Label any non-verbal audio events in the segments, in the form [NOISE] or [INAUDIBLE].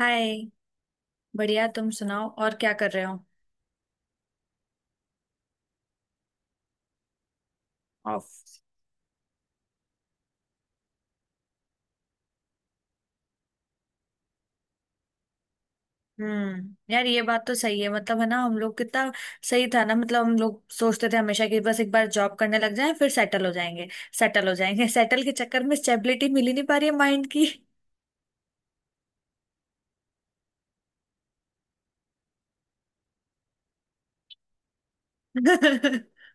हाय। बढ़िया, तुम सुनाओ, और क्या कर रहे हो। ऑफ। हम्म, यार ये बात तो सही है। मतलब है ना, हम लोग कितना सही था ना। मतलब हम लोग सोचते थे हमेशा कि बस एक बार जॉब करने लग जाए फिर सेटल हो जाएंगे, सेटल हो जाएंगे [LAUGHS] सेटल के चक्कर में स्टेबिलिटी मिल ही नहीं पा रही है माइंड की [LAUGHS]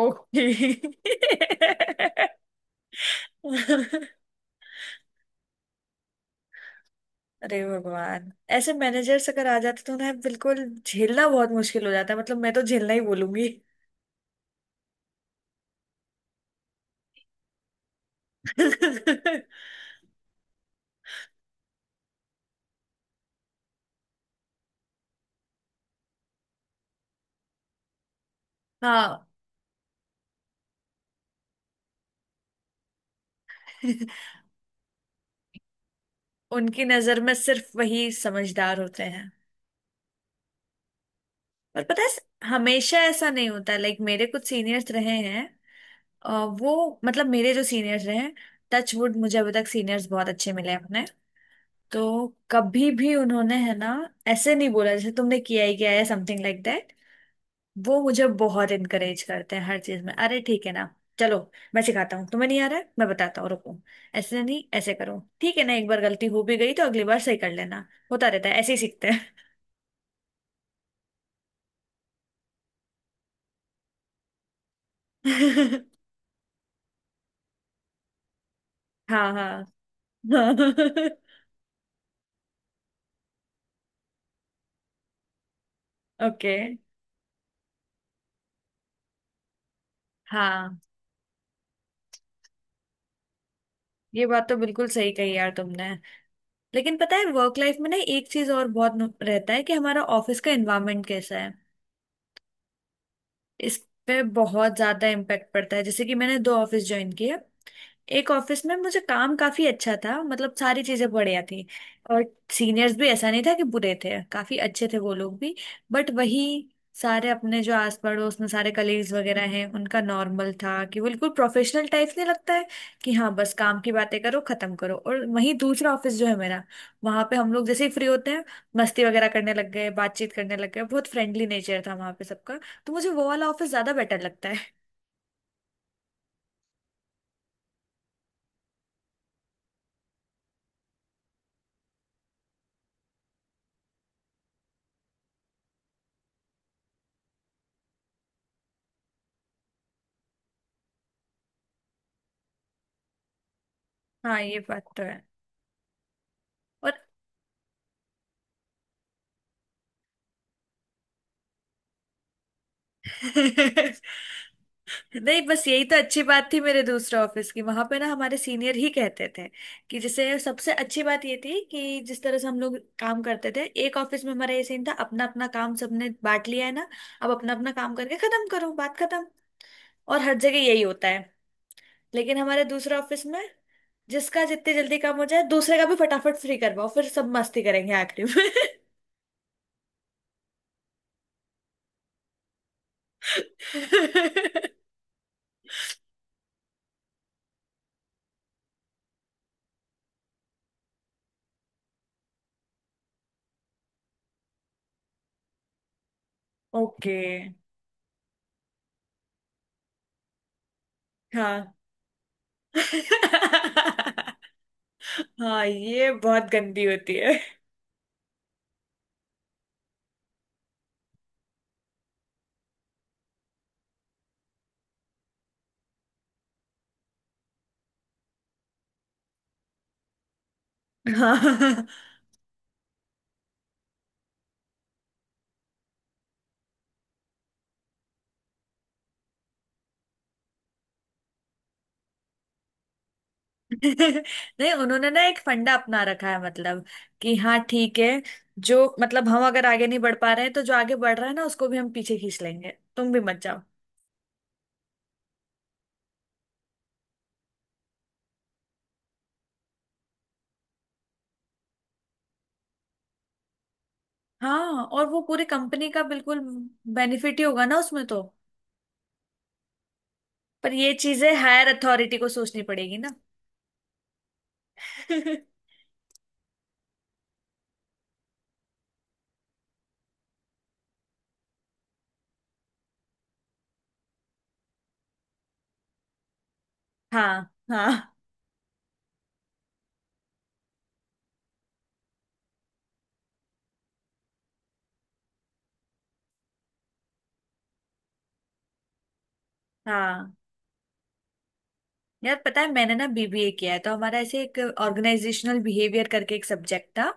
ओके। अरे भगवान, ऐसे मैनेजर्स अगर आ जाते तो ना बिल्कुल झेलना बहुत मुश्किल हो जाता है। मतलब मैं तो झेलना ही बोलूंगी [LAUGHS] हाँ [LAUGHS] उनकी नजर में सिर्फ वही समझदार होते हैं। पर पता है, हमेशा ऐसा नहीं होता। लाइक मेरे कुछ सीनियर्स रहे हैं। अ, वो मतलब मेरे जो सीनियर्स रहे हैं, टचवुड मुझे अभी तक सीनियर्स बहुत अच्छे मिले हैं अपने। तो कभी भी उन्होंने, है ना, ऐसे नहीं बोला जैसे तुमने किया ही किया है, समथिंग लाइक दैट। वो मुझे बहुत इनकरेज करते हैं हर चीज में। अरे ठीक है ना, चलो, मैं सिखाता हूँ तुम्हें, नहीं आ रहा है मैं बताता हूँ, रुको, ऐसे नहीं ऐसे करो, ठीक है ना, एक बार गलती हो भी गई तो अगली बार सही कर लेना, होता रहता है ऐसे ही सीखते हैं [LAUGHS] हाँ हाँ हाँ [LAUGHS] ओके। हाँ ये बात तो बिल्कुल सही कही यार तुमने। लेकिन पता है, वर्क लाइफ में ना एक चीज और बहुत रहता है कि हमारा ऑफिस का एनवायरनमेंट कैसा है। इस पे बहुत ज्यादा इम्पैक्ट पड़ता है। जैसे कि मैंने दो ऑफिस ज्वाइन किए। एक ऑफिस में मुझे काम काफी अच्छा था, मतलब सारी चीजें बढ़िया थी। और सीनियर्स भी ऐसा नहीं था कि बुरे थे, काफी अच्छे थे वो लोग भी। बट वही, सारे अपने जो आस पड़ोस में सारे कलीग्स वगैरह हैं, उनका नॉर्मल था कि बिल्कुल प्रोफेशनल टाइप नहीं लगता है कि हाँ बस काम की बातें करो, खत्म करो। और वहीं दूसरा ऑफिस जो है मेरा, वहां पे हम लोग जैसे ही फ्री होते हैं मस्ती वगैरह करने लग गए, बातचीत करने लग गए, बहुत फ्रेंडली नेचर था वहां पे सबका। तो मुझे वो वाला ऑफिस ज्यादा बेटर लगता है। हाँ ये बात तो है। और [LAUGHS] नहीं बस यही तो अच्छी बात थी मेरे दूसरे ऑफिस की। वहां पे ना हमारे सीनियर ही कहते थे कि, जैसे सबसे अच्छी बात ये थी कि जिस तरह से हम लोग काम करते थे एक ऑफिस में, हमारा ये सीन था, अपना अपना काम सबने बांट लिया है ना, अब अपना अपना काम करके खत्म करो, बात खत्म। और हर जगह यही होता है। लेकिन हमारे दूसरे ऑफिस में, जिसका जितने जल्दी काम हो जाए दूसरे का भी फटाफट फ्री करवाओ, फिर सब मस्ती करेंगे आखिरी में [LAUGHS] ओके। हाँ [LAUGHS] हाँ ये बहुत गंदी होती है। हाँ [LAUGHS] नहीं उन्होंने ना एक फंडा अपना रखा है, मतलब कि हाँ ठीक है, जो मतलब हम अगर आगे नहीं बढ़ पा रहे हैं तो जो आगे बढ़ रहा है ना उसको भी हम पीछे खींच लेंगे, तुम भी मत जाओ। हाँ, और वो पूरी कंपनी का बिल्कुल बेनिफिट ही होगा ना उसमें तो। पर ये चीजें हायर अथॉरिटी को सोचनी पड़ेगी ना [LAUGHS] हाँ हाँ हाँ। यार पता है, मैंने ना बीबीए किया है, तो हमारा ऐसे एक ऑर्गेनाइजेशनल बिहेवियर करके एक सब्जेक्ट था।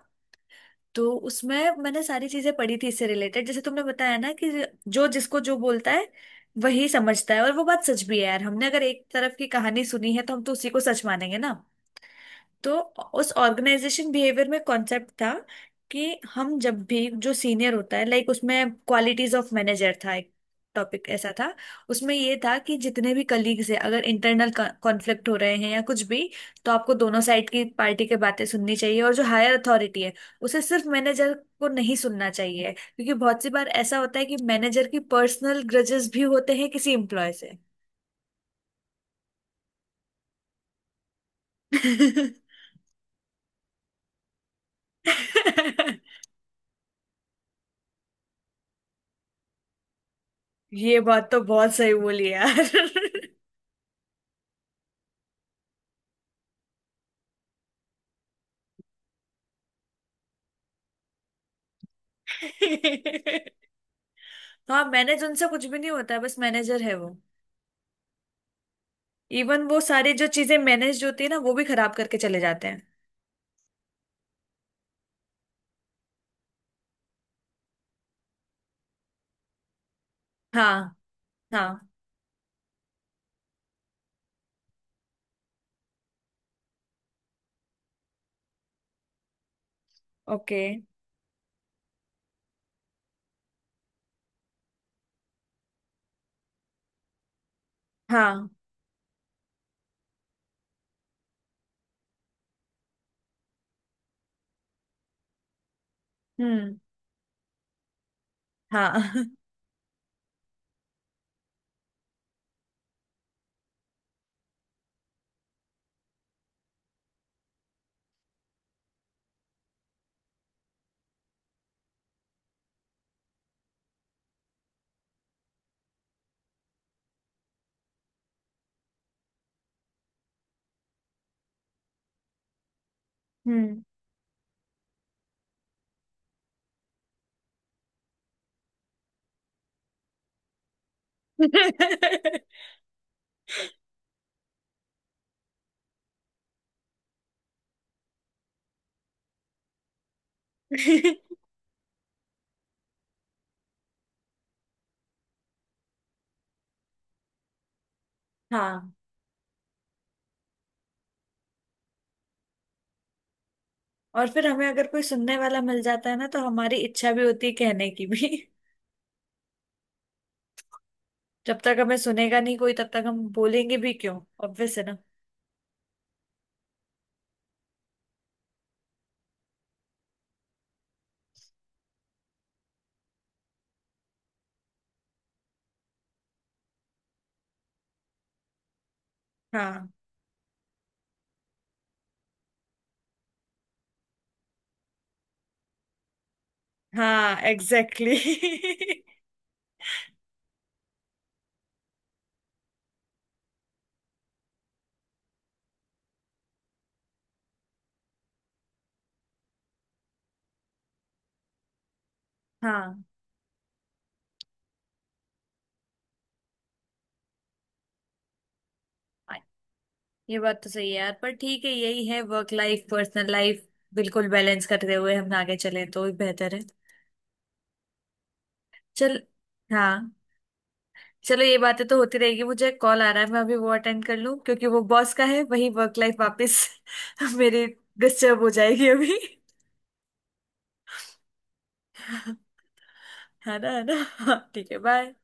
तो उसमें मैंने सारी चीजें पढ़ी थी इससे रिलेटेड। जैसे तुमने बताया ना कि जो जिसको जो बोलता है वही समझता है, और वो बात सच भी है यार। हमने अगर एक तरफ की कहानी सुनी है तो हम तो उसी को सच मानेंगे ना। तो उस ऑर्गेनाइजेशन बिहेवियर में कॉन्सेप्ट था कि, हम जब भी, जो सीनियर होता है, लाइक उसमें क्वालिटीज ऑफ मैनेजर था एक टॉपिक ऐसा था, उसमें ये था कि जितने भी कलीग्स हैं अगर इंटरनल कॉन्फ्लिक्ट हो रहे हैं या कुछ भी, तो आपको दोनों साइड की पार्टी की बातें सुननी चाहिए। और जो हायर अथॉरिटी है उसे सिर्फ मैनेजर को नहीं सुनना चाहिए, क्योंकि बहुत सी बार ऐसा होता है कि मैनेजर की पर्सनल ग्रजेस भी होते हैं किसी एम्प्लॉय से [LAUGHS] ये बात तो बहुत सही बोली यार [LAUGHS] [LAUGHS] हाँ, मैनेज उनसे कुछ भी नहीं होता है, बस मैनेजर है वो। इवन वो सारी जो चीजें मैनेज होती है ना वो भी खराब करके चले जाते हैं। हाँ हाँ। ओके। हाँ। हम्म। हाँ। हम्म [LAUGHS] हाँ, और फिर हमें अगर कोई सुनने वाला मिल जाता है ना तो हमारी इच्छा भी होती है कहने की भी [LAUGHS] जब तक हमें सुनेगा नहीं कोई तब तक हम बोलेंगे भी क्यों, ऑब्वियस है ना। हाँ हाँ, एग्जैक्टली [LAUGHS] हाँ ये बात तो सही है यार, पर ठीक है, यही है, वर्क लाइफ पर्सनल लाइफ बिल्कुल बैलेंस करते हुए हम आगे चले तो ही बेहतर है। चल। हाँ। चलो ये बातें तो होती रहेगी, मुझे कॉल आ रहा है, मैं अभी वो अटेंड कर लूँ क्योंकि वो बॉस का है, वही वर्क लाइफ वापस [LAUGHS] मेरी डिस्टर्ब हो जाएगी अभी [LAUGHS] है ना, है ना [LAUGHS] हाँ, ठीक है, बाय।